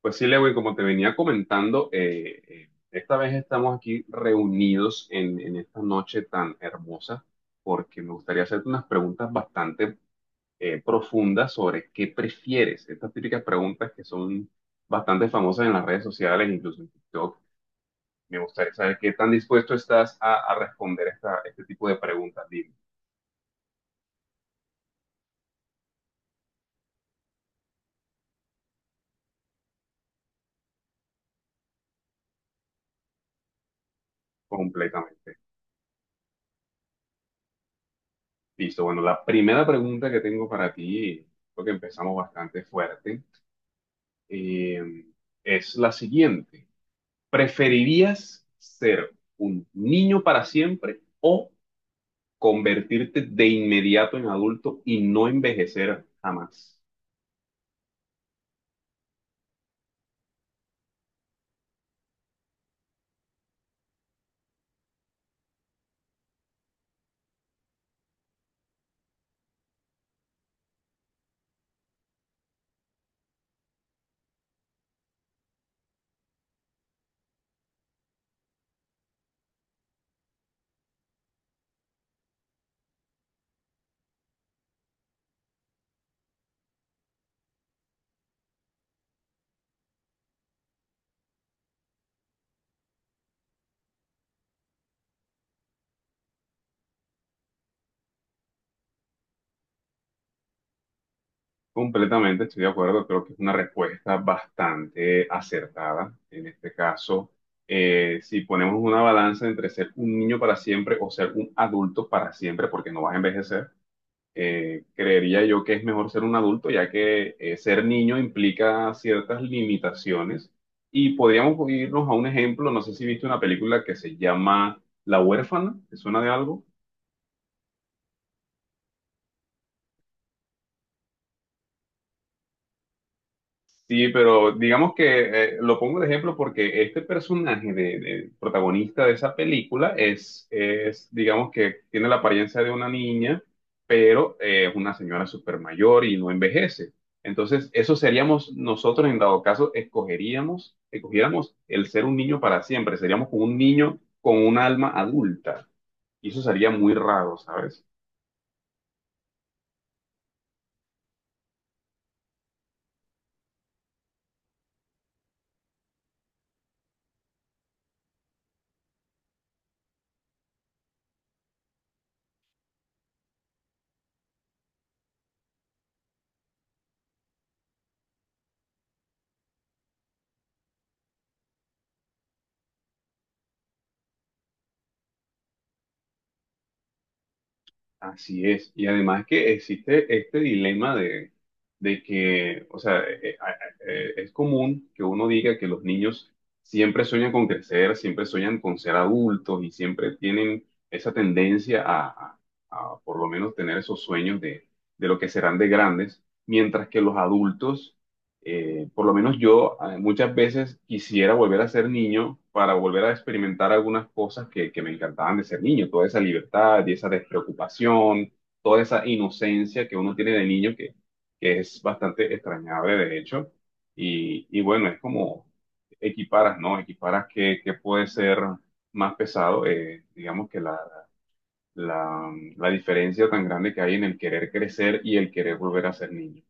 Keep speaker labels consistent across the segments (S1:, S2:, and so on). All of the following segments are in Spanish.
S1: Pues sí, Lewin, como te venía comentando, esta vez estamos aquí reunidos en esta noche tan hermosa porque me gustaría hacerte unas preguntas bastante profundas sobre qué prefieres. Estas típicas preguntas que son bastante famosas en las redes sociales, incluso en TikTok. Me gustaría saber qué tan dispuesto estás a responder este tipo de preguntas, dime, completamente. Listo, bueno, la primera pregunta que tengo para ti, creo que empezamos bastante fuerte. eh, es la siguiente. ¿Preferirías ser un niño para siempre o convertirte de inmediato en adulto y no envejecer jamás? Completamente estoy de acuerdo, creo que es una respuesta bastante acertada en este caso. Si ponemos una balanza entre ser un niño para siempre o ser un adulto para siempre, porque no vas a envejecer, creería yo que es mejor ser un adulto, ya que ser niño implica ciertas limitaciones. Y podríamos irnos a un ejemplo, no sé si viste una película que se llama La huérfana, ¿te suena de algo? Sí, pero digamos que lo pongo de ejemplo porque este personaje de protagonista de esa película es, digamos que tiene la apariencia de una niña, pero es una señora súper mayor y no envejece. Entonces, eso seríamos nosotros en dado caso, escogiéramos el ser un niño para siempre, seríamos como un niño con un alma adulta. Y eso sería muy raro, ¿sabes? Así es. Y además que existe este dilema de que, o sea, es común que uno diga que los niños siempre sueñan con crecer, siempre sueñan con ser adultos y siempre tienen esa tendencia a por lo menos tener esos sueños de lo que serán de grandes, mientras que los adultos por lo menos yo muchas veces quisiera volver a ser niño para volver a experimentar algunas cosas que me encantaban de ser niño, toda esa libertad y esa despreocupación, toda esa inocencia que uno tiene de niño que es bastante extrañable de hecho. Y bueno, es como equiparas, ¿no? Que puede ser más pesado, digamos que la, la diferencia tan grande que hay en el querer crecer y el querer volver a ser niño.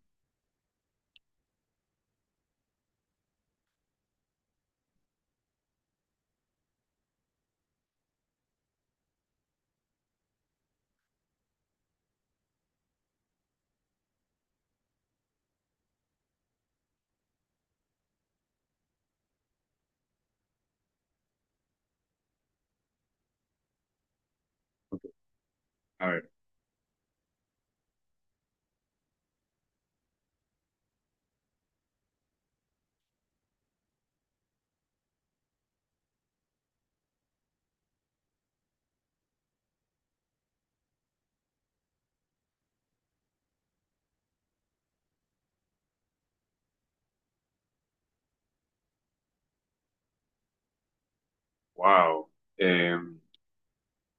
S1: Ok. A ver. Wow. Eh,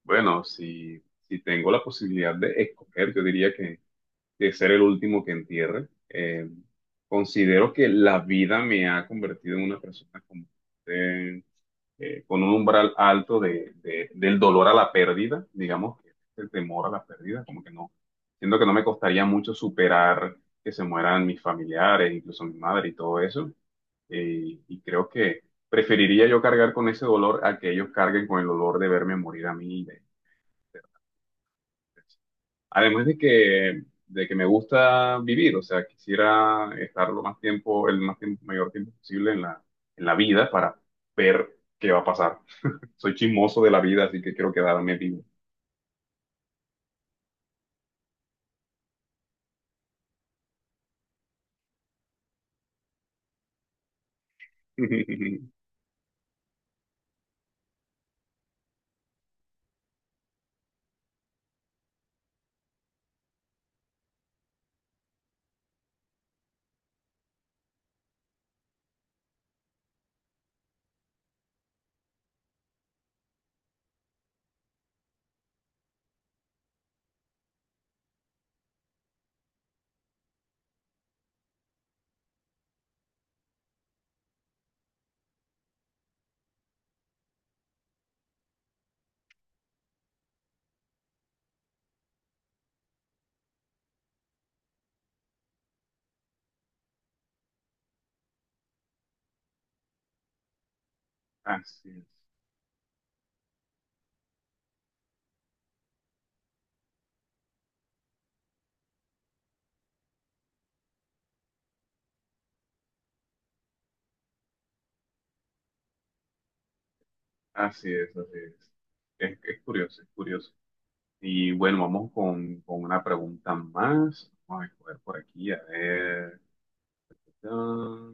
S1: bueno, si tengo la posibilidad de escoger, yo diría que de ser el último que entierre. Considero que la vida me ha convertido en una persona eh, con un umbral alto del dolor a la pérdida, digamos, que es el temor a la pérdida, como que no, siento que no me costaría mucho superar que se mueran mis familiares, incluso mi madre y todo eso. Y creo que preferiría yo cargar con ese dolor a que ellos carguen con el dolor de verme morir a mí. Además de que me gusta vivir, o sea, quisiera estar mayor tiempo posible en la vida para ver qué va a pasar. Soy chismoso de la vida, así que quiero quedarme vivo. Así es, así es, así es. Es curioso, es curioso. Y bueno, vamos con una pregunta más. Vamos a ver por aquí, a ver. Ah,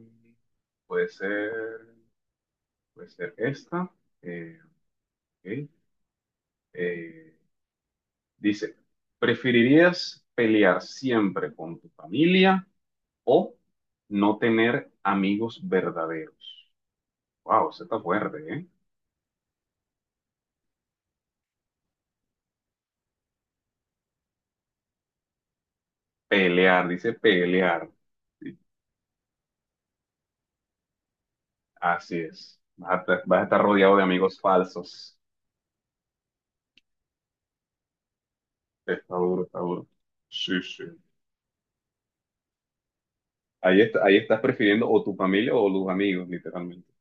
S1: puede ser, puede ser esta. Eh, ok. Eh, Dice, ¿preferirías pelear siempre con tu familia o no tener amigos verdaderos? Wow, eso está fuerte, ¿eh? Pelear, dice pelear. Sí, así es. Vas estar vas a estar rodeado de amigos falsos. Está duro, está duro. Sí, sí. Ahí está, ahí estás prefiriendo o tu familia o los amigos, literalmente.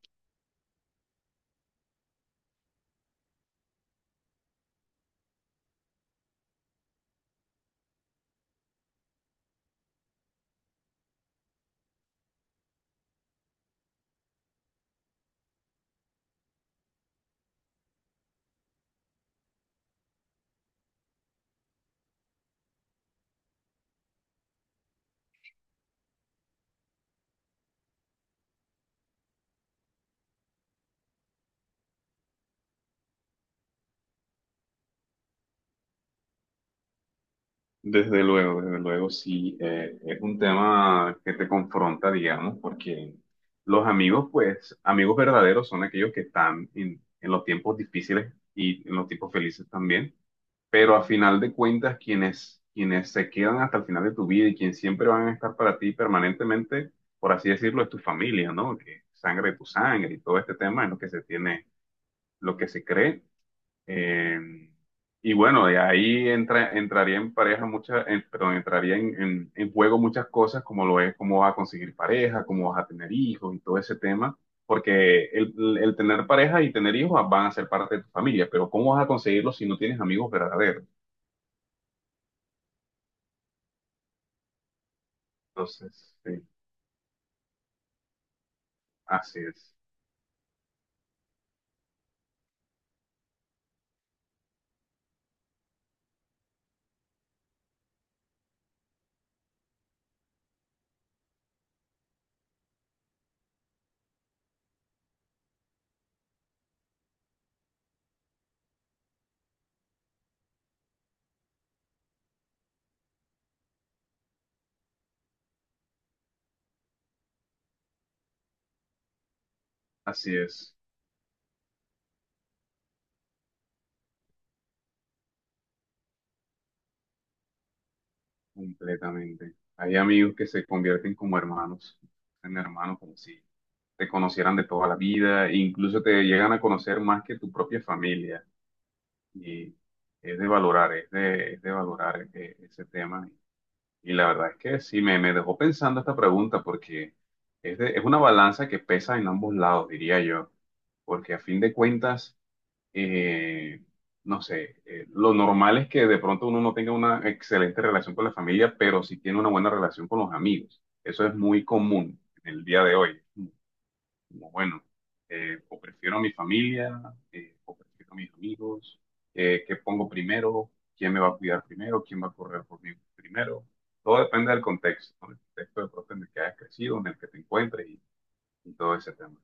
S1: Desde luego, sí, es un tema que te confronta, digamos, porque los amigos, pues, amigos verdaderos son aquellos que están en los tiempos difíciles y en los tiempos felices también, pero a final de cuentas, quienes se quedan hasta el final de tu vida y quienes siempre van a estar para ti permanentemente, por así decirlo, es tu familia, ¿no? Que sangre de tu sangre y todo este tema en lo que se tiene, lo que se cree. Eh, y bueno, de ahí entraría en pareja muchas, perdón, entraría en, en juego muchas cosas como lo es cómo vas a conseguir pareja, cómo vas a tener hijos y todo ese tema, porque el tener pareja y tener hijos van a ser parte de tu familia, pero ¿cómo vas a conseguirlos si no tienes amigos verdaderos? Entonces, sí, así es, así es, completamente. Hay amigos que se convierten como hermanos, en hermanos como si te conocieran de toda la vida, e incluso te llegan a conocer más que tu propia familia. Y es de valorar, es de valorar ese tema. Y la verdad es que sí, me dejó pensando esta pregunta porque es una balanza que pesa en ambos lados, diría yo. Porque a fin de cuentas, eh, no sé, lo normal es que de pronto uno no tenga una excelente relación con la familia, pero sí tiene una buena relación con los amigos. Eso es muy común en el día de hoy como bueno, o prefiero a mi familia, o prefiero a mis amigos, qué pongo primero, quién me va a cuidar primero, quién va a correr por mí primero. Todo depende del contexto, ¿no? El contexto de pronto en el que hayas crecido, en el que te encuentres y todo ese tema.